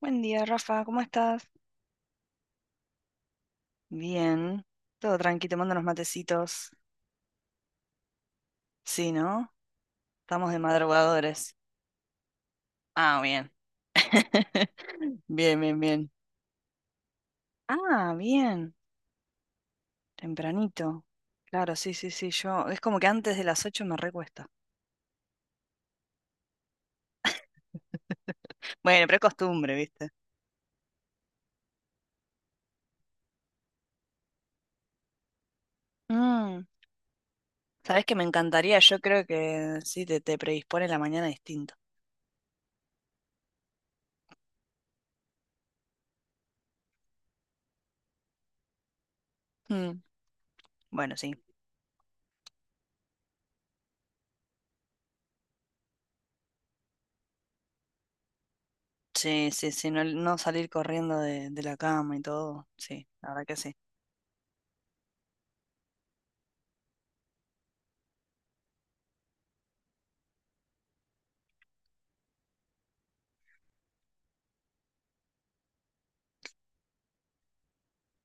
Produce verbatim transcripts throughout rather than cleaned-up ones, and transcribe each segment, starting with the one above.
Buen día, Rafa, ¿cómo estás? Bien, todo tranqui, tomando unos matecitos. Sí, ¿no? Estamos de madrugadores. Ah, bien. Bien, bien, bien. Ah, bien, tempranito. Claro, sí, sí, sí, yo. Es como que antes de las ocho me recuesta. Bueno, pero es costumbre, ¿viste? Mm, ¿sabés qué me encantaría? Yo creo que sí, te, te predispone la mañana distinto. Mm, bueno, sí. Sí, sí, sí, no, no salir corriendo de, de la cama y todo. Sí, la verdad que sí.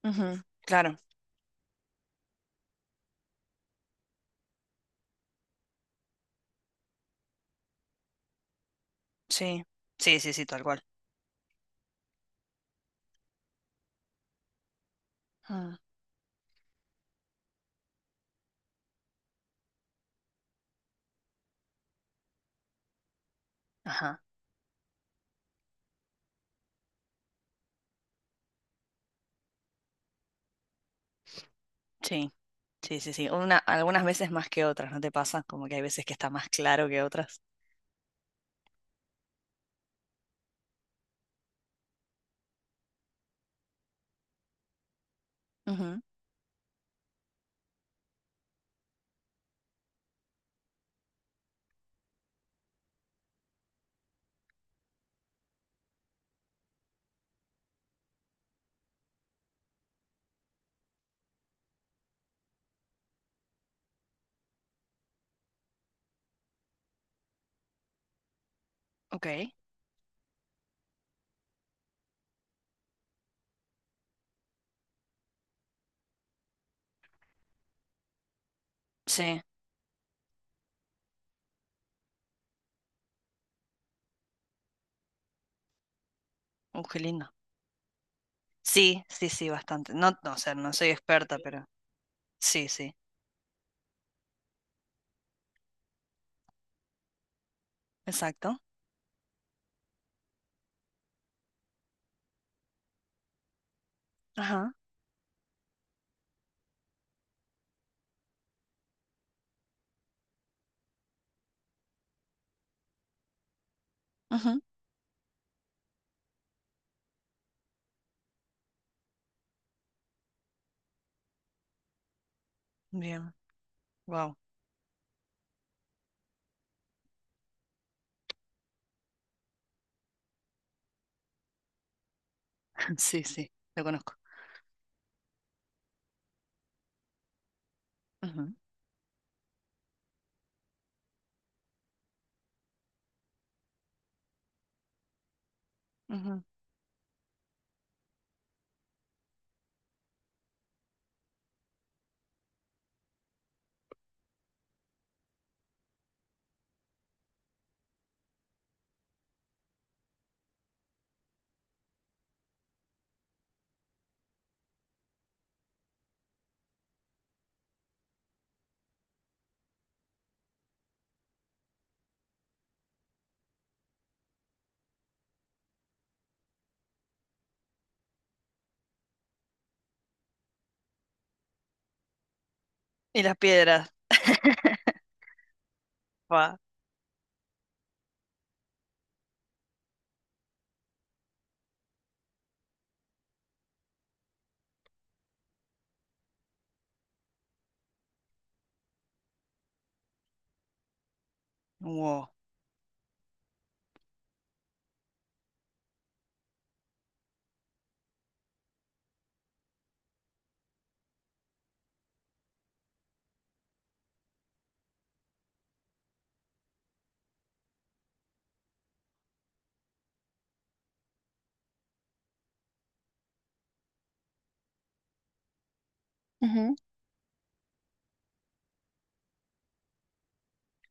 Ujú, claro. Sí, sí, sí, sí, tal cual. Ah, ajá, sí, sí, sí, sí. Una, algunas veces más que otras, ¿no te pasa? Como que hay veces que está más claro que otras. Ujú, ok, sí, uh, qué lindo. Sí, sí, sí, bastante. No, no, o sea, no soy experta, pero sí, sí, exacto. Ajá, ujú, bien, wow, sí, sí, lo conozco. Ujú, ujú. Y las piedras. Wow, wow, ujú,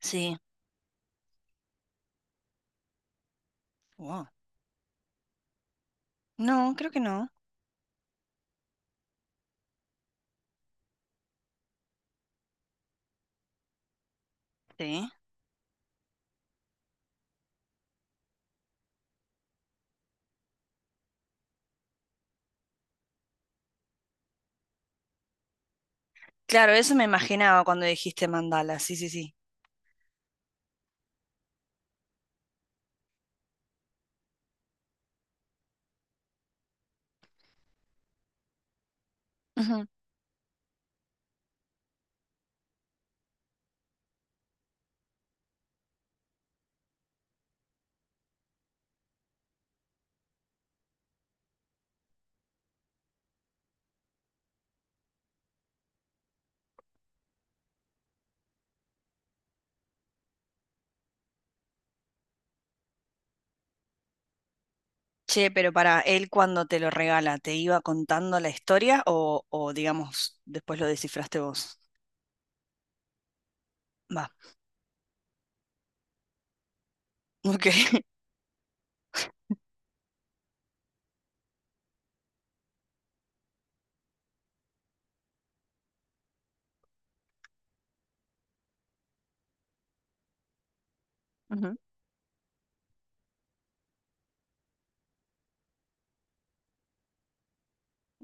sí, wow. No, creo que no. Sí. Claro, eso me imaginaba cuando dijiste mandala, sí, sí, sí. Ujú. Che, pero para él cuando te lo regala, ¿te iba contando la historia o, o digamos, después lo descifraste vos? Va, ok. Ujú,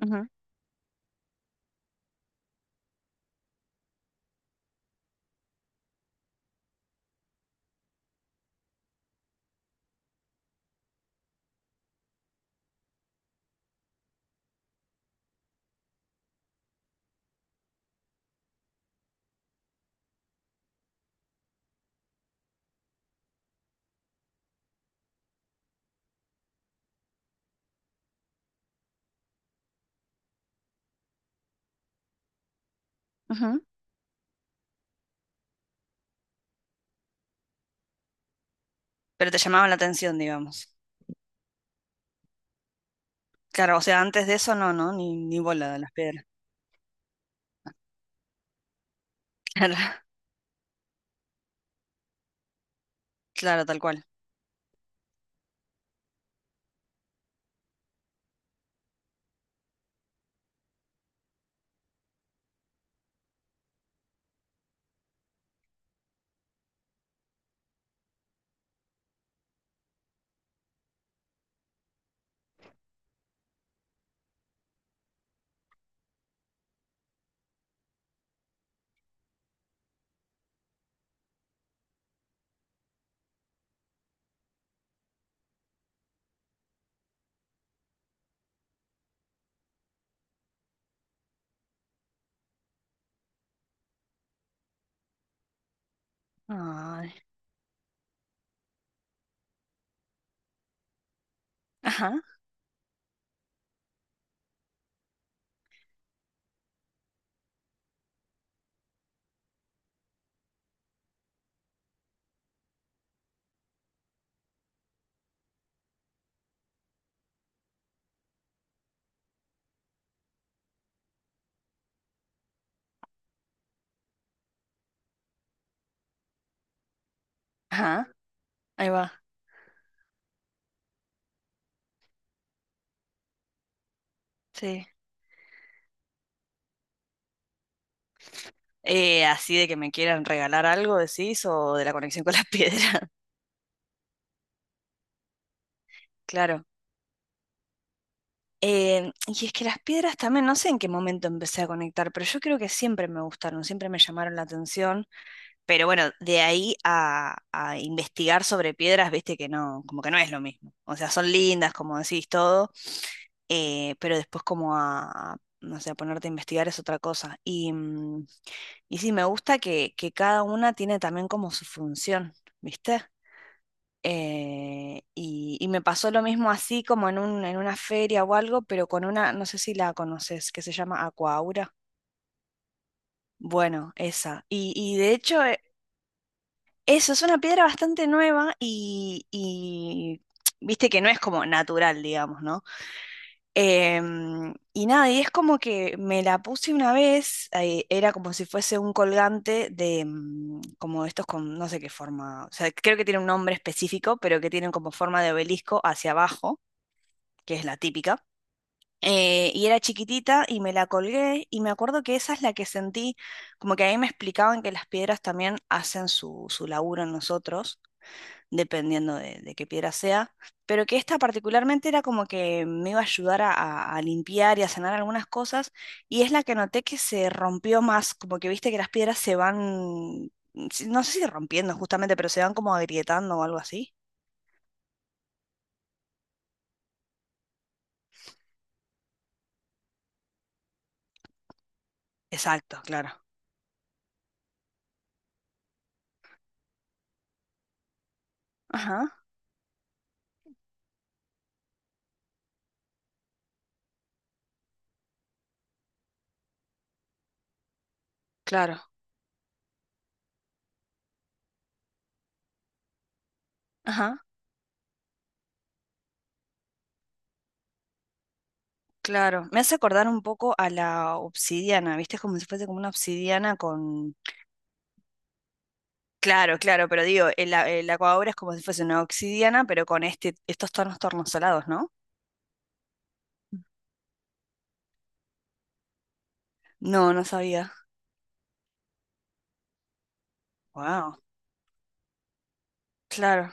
ujú, ujú. Pero te llamaba la atención, digamos. Claro, o sea, antes de eso no, no, ni, ni bola de las piedras. Claro, claro, tal cual. Ay. Ajá, ajá, ahí va, sí. Eh, así de que me quieran regalar algo, decís, o de la conexión con las piedras. Claro. Eh, y es que las piedras también, no sé en qué momento empecé a conectar, pero yo creo que siempre me gustaron, siempre me llamaron la atención. Pero bueno, de ahí a, a investigar sobre piedras, viste que no, como que no es lo mismo. O sea, son lindas, como decís todo, eh, pero después como a, a, no sé, a ponerte a investigar es otra cosa. Y, mm, y sí, me gusta que, que cada una tiene también como su función, ¿viste? Eh, y, y me pasó lo mismo así como en un, en una feria o algo, pero con una, no sé si la conoces, que se llama Aquaura. Bueno, esa. Y, y de hecho, eh, eso es una piedra bastante nueva y, y viste que no es como natural, digamos, ¿no? Em, y nada, y es como que me la puse una vez, eh, era como si fuese un colgante de, mm, como estos con, no sé qué forma, o sea, creo que tiene un nombre específico, pero que tienen como forma de obelisco hacia abajo. Que es la típica. Eh, y era chiquitita y me la colgué y me acuerdo que esa es la que sentí, como que ahí me explicaban que las piedras también hacen su, su laburo en nosotros, dependiendo de, de qué piedra sea, pero que esta particularmente era como que me iba a ayudar a, a- a limpiar y a sanar algunas cosas y es la que noté que se rompió más, como que viste que las piedras se van, si- no sé si rompiendo justamente, pero se van como agrietando o algo así. Exacto, claro. Ajá, claro. Ajá. Claro, me hace acordar un poco a la obsidiana, ¿viste? Es como si fuese como una obsidiana con... Claro, claro, pero digo, el, a- el aquabobra es como si fuese una obsidiana, pero con este, estos tonos tornasolados, ¿no? No, no sabía. Wow, claro.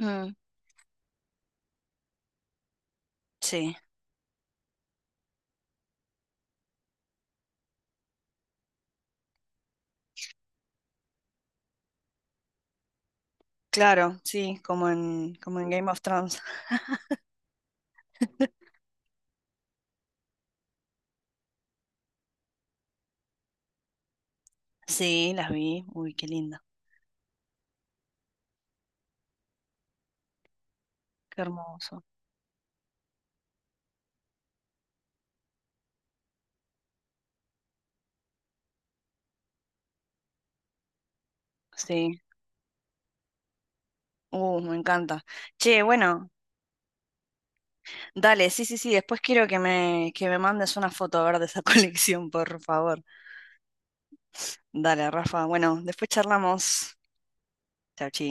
Mm, sí, claro, sí, como en, como en Game of Thrones. Sí, las vi. Uy, qué linda. Qué hermoso. Sí. Uh, me encanta. Che, bueno, dale, sí, sí, sí. Después quiero que me, que me mandes una foto a ver de esa colección, por favor. Dale, Rafa. Bueno, después charlamos. Chau, chi.